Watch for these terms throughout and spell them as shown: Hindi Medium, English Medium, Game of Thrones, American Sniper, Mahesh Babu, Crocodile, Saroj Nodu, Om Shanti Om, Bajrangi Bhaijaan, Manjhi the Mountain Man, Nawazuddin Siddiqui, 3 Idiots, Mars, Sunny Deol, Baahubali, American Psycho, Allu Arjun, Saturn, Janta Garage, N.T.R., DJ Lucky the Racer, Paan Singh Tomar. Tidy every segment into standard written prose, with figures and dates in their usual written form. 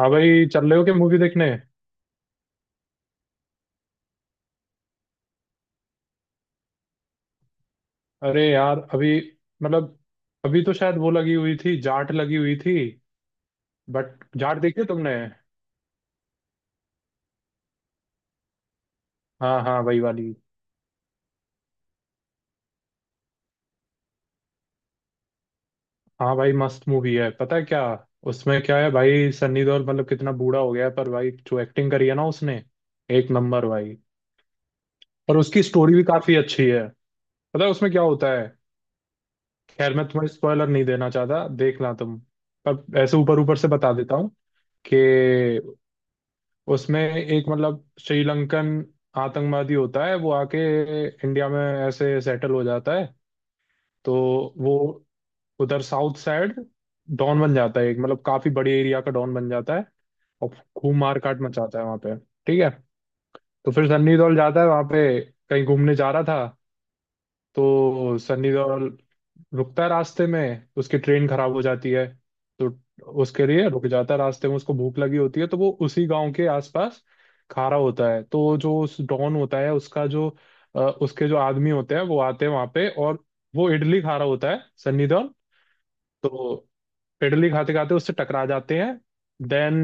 हाँ भाई चल रहे हो क्या मूवी देखने। अरे यार अभी मतलब अभी तो शायद वो लगी हुई थी जाट लगी हुई थी। बट जाट देखी है तुमने। हाँ हाँ वही वाली। हाँ भाई मस्त मूवी है पता है क्या। उसमें क्या है भाई सन्नी देओल मतलब कितना बूढ़ा हो गया है पर भाई जो एक्टिंग करी है ना उसने एक नंबर भाई। और उसकी स्टोरी भी काफी अच्छी है। पता है उसमें क्या होता है। खैर मैं तुम्हें स्पॉइलर नहीं देना चाहता देखना तुम। पर ऐसे ऊपर ऊपर से बता देता हूँ कि उसमें एक मतलब श्रीलंकन आतंकवादी होता है वो आके इंडिया में ऐसे सेटल हो जाता है। तो वो उधर साउथ साइड डॉन बन जाता है एक मतलब काफी बड़े एरिया का डॉन बन जाता है। और खूब मार काट मचाता है वहां पे। ठीक है। तो फिर सन्नी देओल जाता है वहां पे कहीं घूमने जा रहा था। तो सनी देओल रुकता है रास्ते में उसकी ट्रेन खराब हो जाती है। तो उसके लिए रुक जाता है रास्ते में उसको भूख लगी होती है तो वो उसी गांव के आसपास खा रहा होता है। तो जो उस डॉन होता है उसका जो उसके जो आदमी होते हैं वो आते हैं वहां पे और वो इडली खा रहा होता है सनी देओल। तो इडली खाते खाते उससे टकरा जाते हैं। देन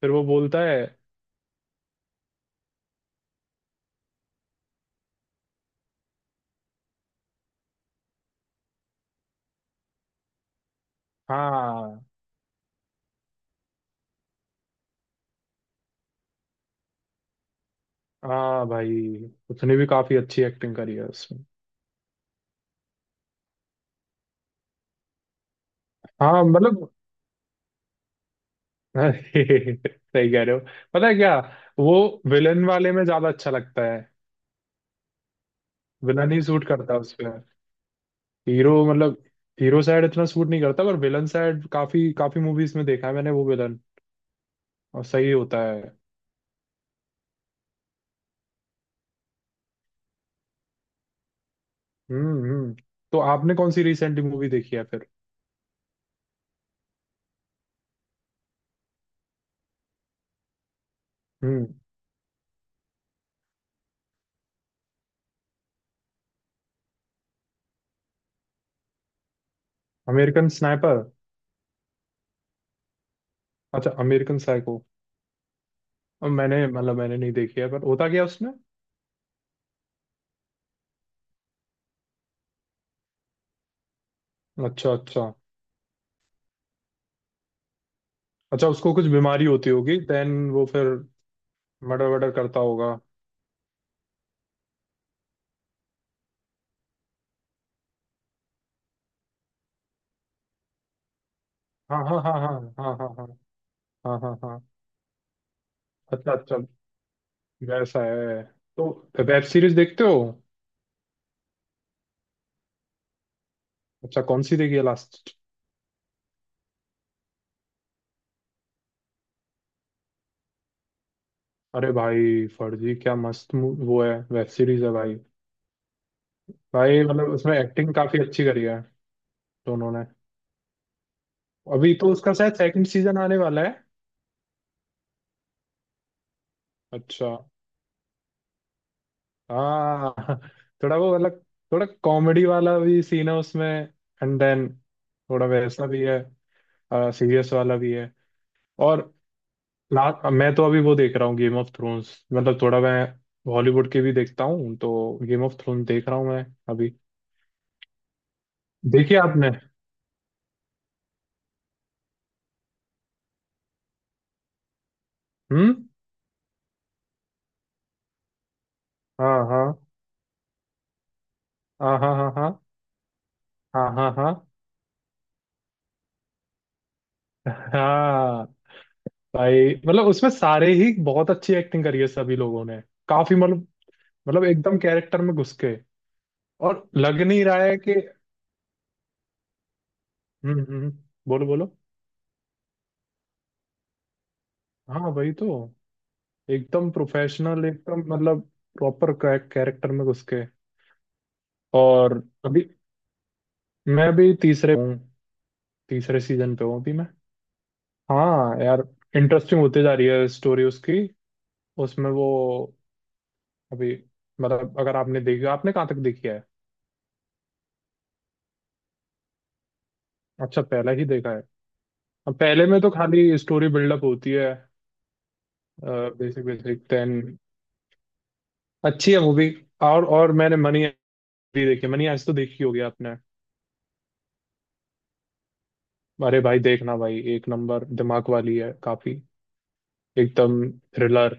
फिर वो बोलता है। हाँ हाँ भाई। उसने भी काफी अच्छी एक्टिंग करी है उसमें। हाँ मतलब अरे सही कह रहे हो। पता है क्या। वो विलन वाले में ज्यादा अच्छा लगता है। विलन ही सूट करता है उसपे। हीरो मतलब हीरो साइड इतना सूट नहीं करता पर विलन साइड काफी काफी मूवीज में देखा है मैंने वो विलन और सही होता है। हम्म। तो आपने कौन सी रिसेंटली मूवी देखी है फिर। हम्म। American Sniper. अच्छा अमेरिकन साइको। मैंने मतलब मैंने नहीं देखी है पर होता क्या है उसमें। अच्छा अच्छा। अच्छा उसको कुछ बीमारी होती होगी देन वो फिर मर्डर वर्डर करता होगा। हाँ हाँ हाँ हाँ हाँ हाँ हाँ हाँ हाँ हाँ। अच्छा अच्छा। वैसा है। तो वेब सीरीज देखते हो। अच्छा कौन सी देखी है लास्ट। अरे भाई फर्जी क्या मस्त वो है वेब सीरीज है भाई। भाई मतलब उसमें एक्टिंग काफी अच्छी करी है दोनों ने। अभी तो उसका शायद सेकंड सीजन आने वाला है। अच्छा। हाँ थोड़ा वो मतलब थोड़ा कॉमेडी वाला भी सीन है उसमें। एंड देन थोड़ा वैसा भी है सीरियस वाला भी है। और लास्ट मैं तो अभी वो देख रहा हूँ गेम ऑफ थ्रोन्स मतलब थोड़ा मैं हॉलीवुड के भी देखता हूँ। तो गेम ऑफ थ्रोन्स देख रहा हूँ मैं अभी। देखिए आपने। हम्म। हाँ हाँ हाँ हाँ हाँ हाँ हाँ हाँ हाँ। हाँ भाई मतलब उसमें सारे ही बहुत अच्छी एक्टिंग करी है सभी लोगों ने। काफी मतलब एकदम कैरेक्टर में घुस के। और लग नहीं रहा है कि। हम्म हम्म हम्म। बोलो बोलो। हाँ वही तो। एकदम प्रोफेशनल एकदम मतलब प्रॉपर कैरेक्टर में घुस के। और अभी मैं अभी तीसरे हूँ। तीसरे सीजन पे हूँ अभी मैं। हाँ यार इंटरेस्टिंग होती जा रही है स्टोरी उसकी। उसमें वो अभी मतलब अगर आपने देखी आपने कहाँ तक देखी है। अच्छा पहला ही देखा है। अब पहले में तो खाली स्टोरी बिल्डअप होती है। बेसिक बेसिक देन अच्छी है वो भी। और मैंने मनी भी देखी। मनी आज तो देखी होगी आपने। अरे भाई देखना भाई एक नंबर दिमाग वाली है काफी। एकदम थ्रिलर।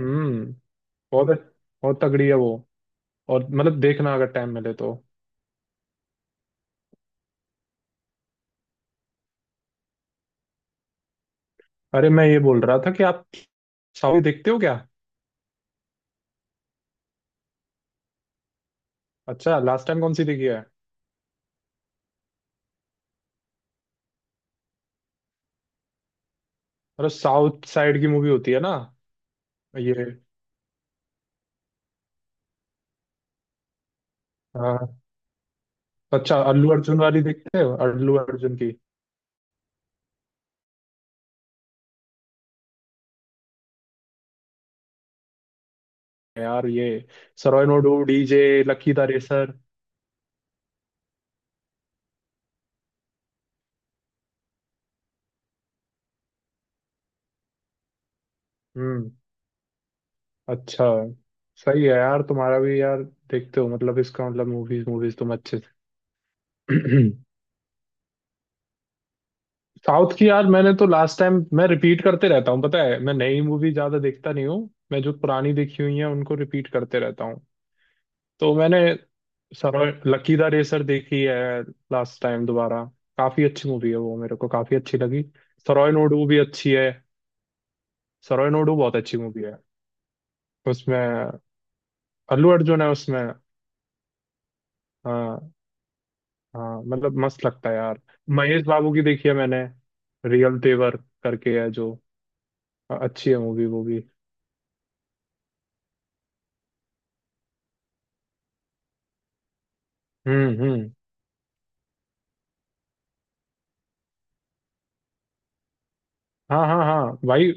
हम्म। बहुत बहुत तगड़ी है वो। और मतलब देखना अगर टाइम मिले तो। अरे मैं ये बोल रहा था कि आप साउथ देखते हो क्या। अच्छा लास्ट टाइम कौन सी देखी है। अरे साउथ साइड की मूवी होती है ना। ये। हाँ। अच्छा अल्लू अर्जुन वाली देखते हो अल्लू अर्जुन की। यार ये सरोज नोडू डीजे लकी द रेसर। हम्म। अच्छा सही है यार तुम्हारा भी यार। देखते हो मतलब इसका मतलब मूवीज मूवीज तुम अच्छे से साउथ की यार मैंने तो लास्ट टाइम मैं रिपीट करते रहता हूँ पता है मैं नई मूवी ज्यादा देखता नहीं हूँ। मैं जो पुरानी देखी हुई है उनको रिपीट करते रहता हूँ। तो मैंने सरोज लकी द रेसर देखी है लास्ट टाइम दोबारा। काफी अच्छी मूवी है वो मेरे को काफी अच्छी लगी। सरोज नोडू भी अच्छी है। सरोज नोडू बहुत अच्छी मूवी है। उसमें अल्लू अर्जुन है उसमें। हाँ। हाँ मतलब मस्त लगता है यार। महेश बाबू की देखी है मैंने। रियल तेवर करके है जो अच्छी है मूवी वो भी। हम्म। हाँ हाँ हाँ भाई।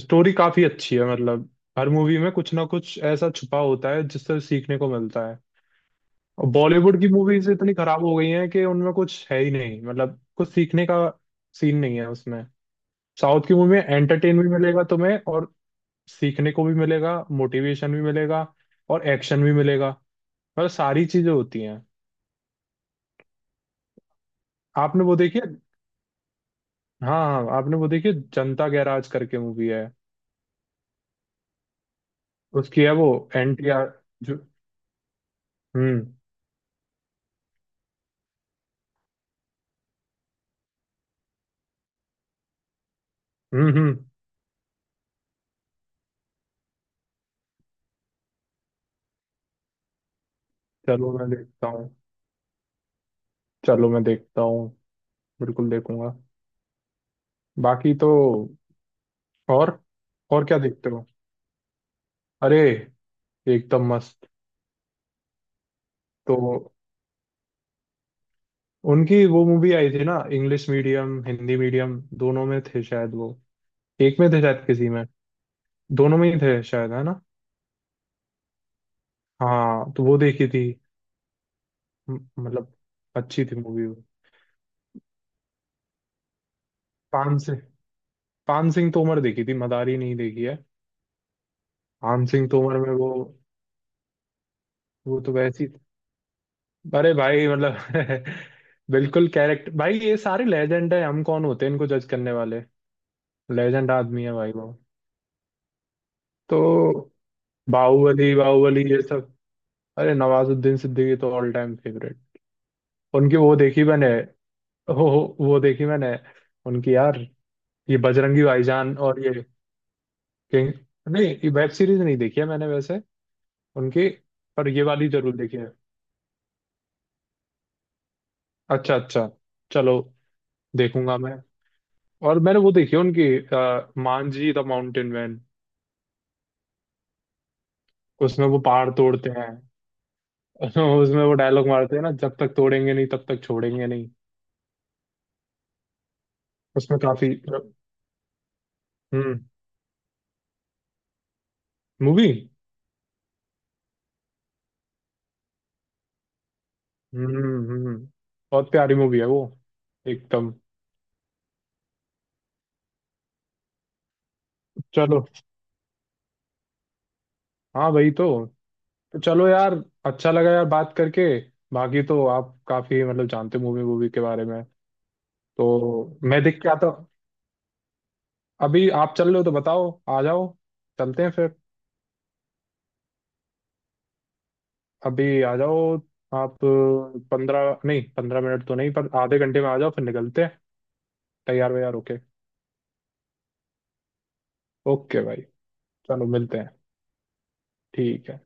स्टोरी काफी अच्छी है मतलब हर मूवी में कुछ ना कुछ ऐसा छुपा होता है जिससे सीखने को मिलता है। और बॉलीवुड की मूवीज इतनी खराब हो गई हैं कि उनमें कुछ है ही नहीं मतलब कुछ सीखने का सीन नहीं है उसमें। साउथ की मूवी में एंटरटेन भी मिलेगा तुम्हें और सीखने को भी मिलेगा। मोटिवेशन भी मिलेगा और एक्शन भी मिलेगा। मतलब सारी चीजें होती हैं। आपने वो देखी है। हाँ हाँ आपने वो देखी है जनता गैराज करके मूवी है। उसकी है वो NTR जो। हम्म हम्म। चलो मैं देखता हूँ। चलो मैं देखता हूँ। बिल्कुल देखूंगा। बाकी तो और और क्या देखते हो। अरे एकदम मस्त। तो उनकी वो मूवी आई थी ना इंग्लिश मीडियम हिंदी मीडियम दोनों में थे शायद वो। एक में थे शायद किसी में। दोनों में ही थे शायद है ना। हाँ तो वो देखी थी। मतलब अच्छी थी मूवी वो। पान सिंह पान सिंह तोमर देखी थी मदारी नहीं देखी है। पान सिंह तोमर में वो तो वैसी। अरे भाई मतलब बिल्कुल कैरेक्टर भाई ये सारे लेजेंड है हम कौन होते हैं इनको जज करने वाले। लेजेंड आदमी है भाई वो। तो बाहुबली बाहुबली ये सब। अरे नवाजुद्दीन सिद्दीकी तो ऑल टाइम फेवरेट। उनकी वो देखी मैंने। हो, वो देखी मैंने। उनकी यार ये बजरंगी भाईजान और ये किंग। नहीं ये वेब सीरीज नहीं देखी है मैंने वैसे उनकी पर ये वाली जरूर देखी है। अच्छा अच्छा। चलो देखूंगा मैं। और मैंने वो देखी है उनकी मांझी द माउंटेन मैन। उसमें वो पहाड़ तोड़ते हैं उसमें वो डायलॉग मारते हैं ना जब तक तोड़ेंगे नहीं तब तक छोड़ेंगे नहीं। उसमें काफी हम्म मूवी। हम्म हम्म। बहुत प्यारी मूवी है वो एकदम। चलो। हाँ वही तो। तो चलो यार अच्छा लगा यार बात करके। बाकी तो आप काफी मतलब जानते मूवी मूवी के बारे में। तो मैं देख के आता हूँ। अभी आप चल रहे हो तो बताओ आ जाओ। चलते हैं फिर। अभी आ जाओ। आप 15 नहीं 15 मिनट तो नहीं पर आधे घंटे में आ जाओ फिर निकलते हैं। तैयार वैयार होके। ओके भाई। चलो मिलते हैं। ठीक है।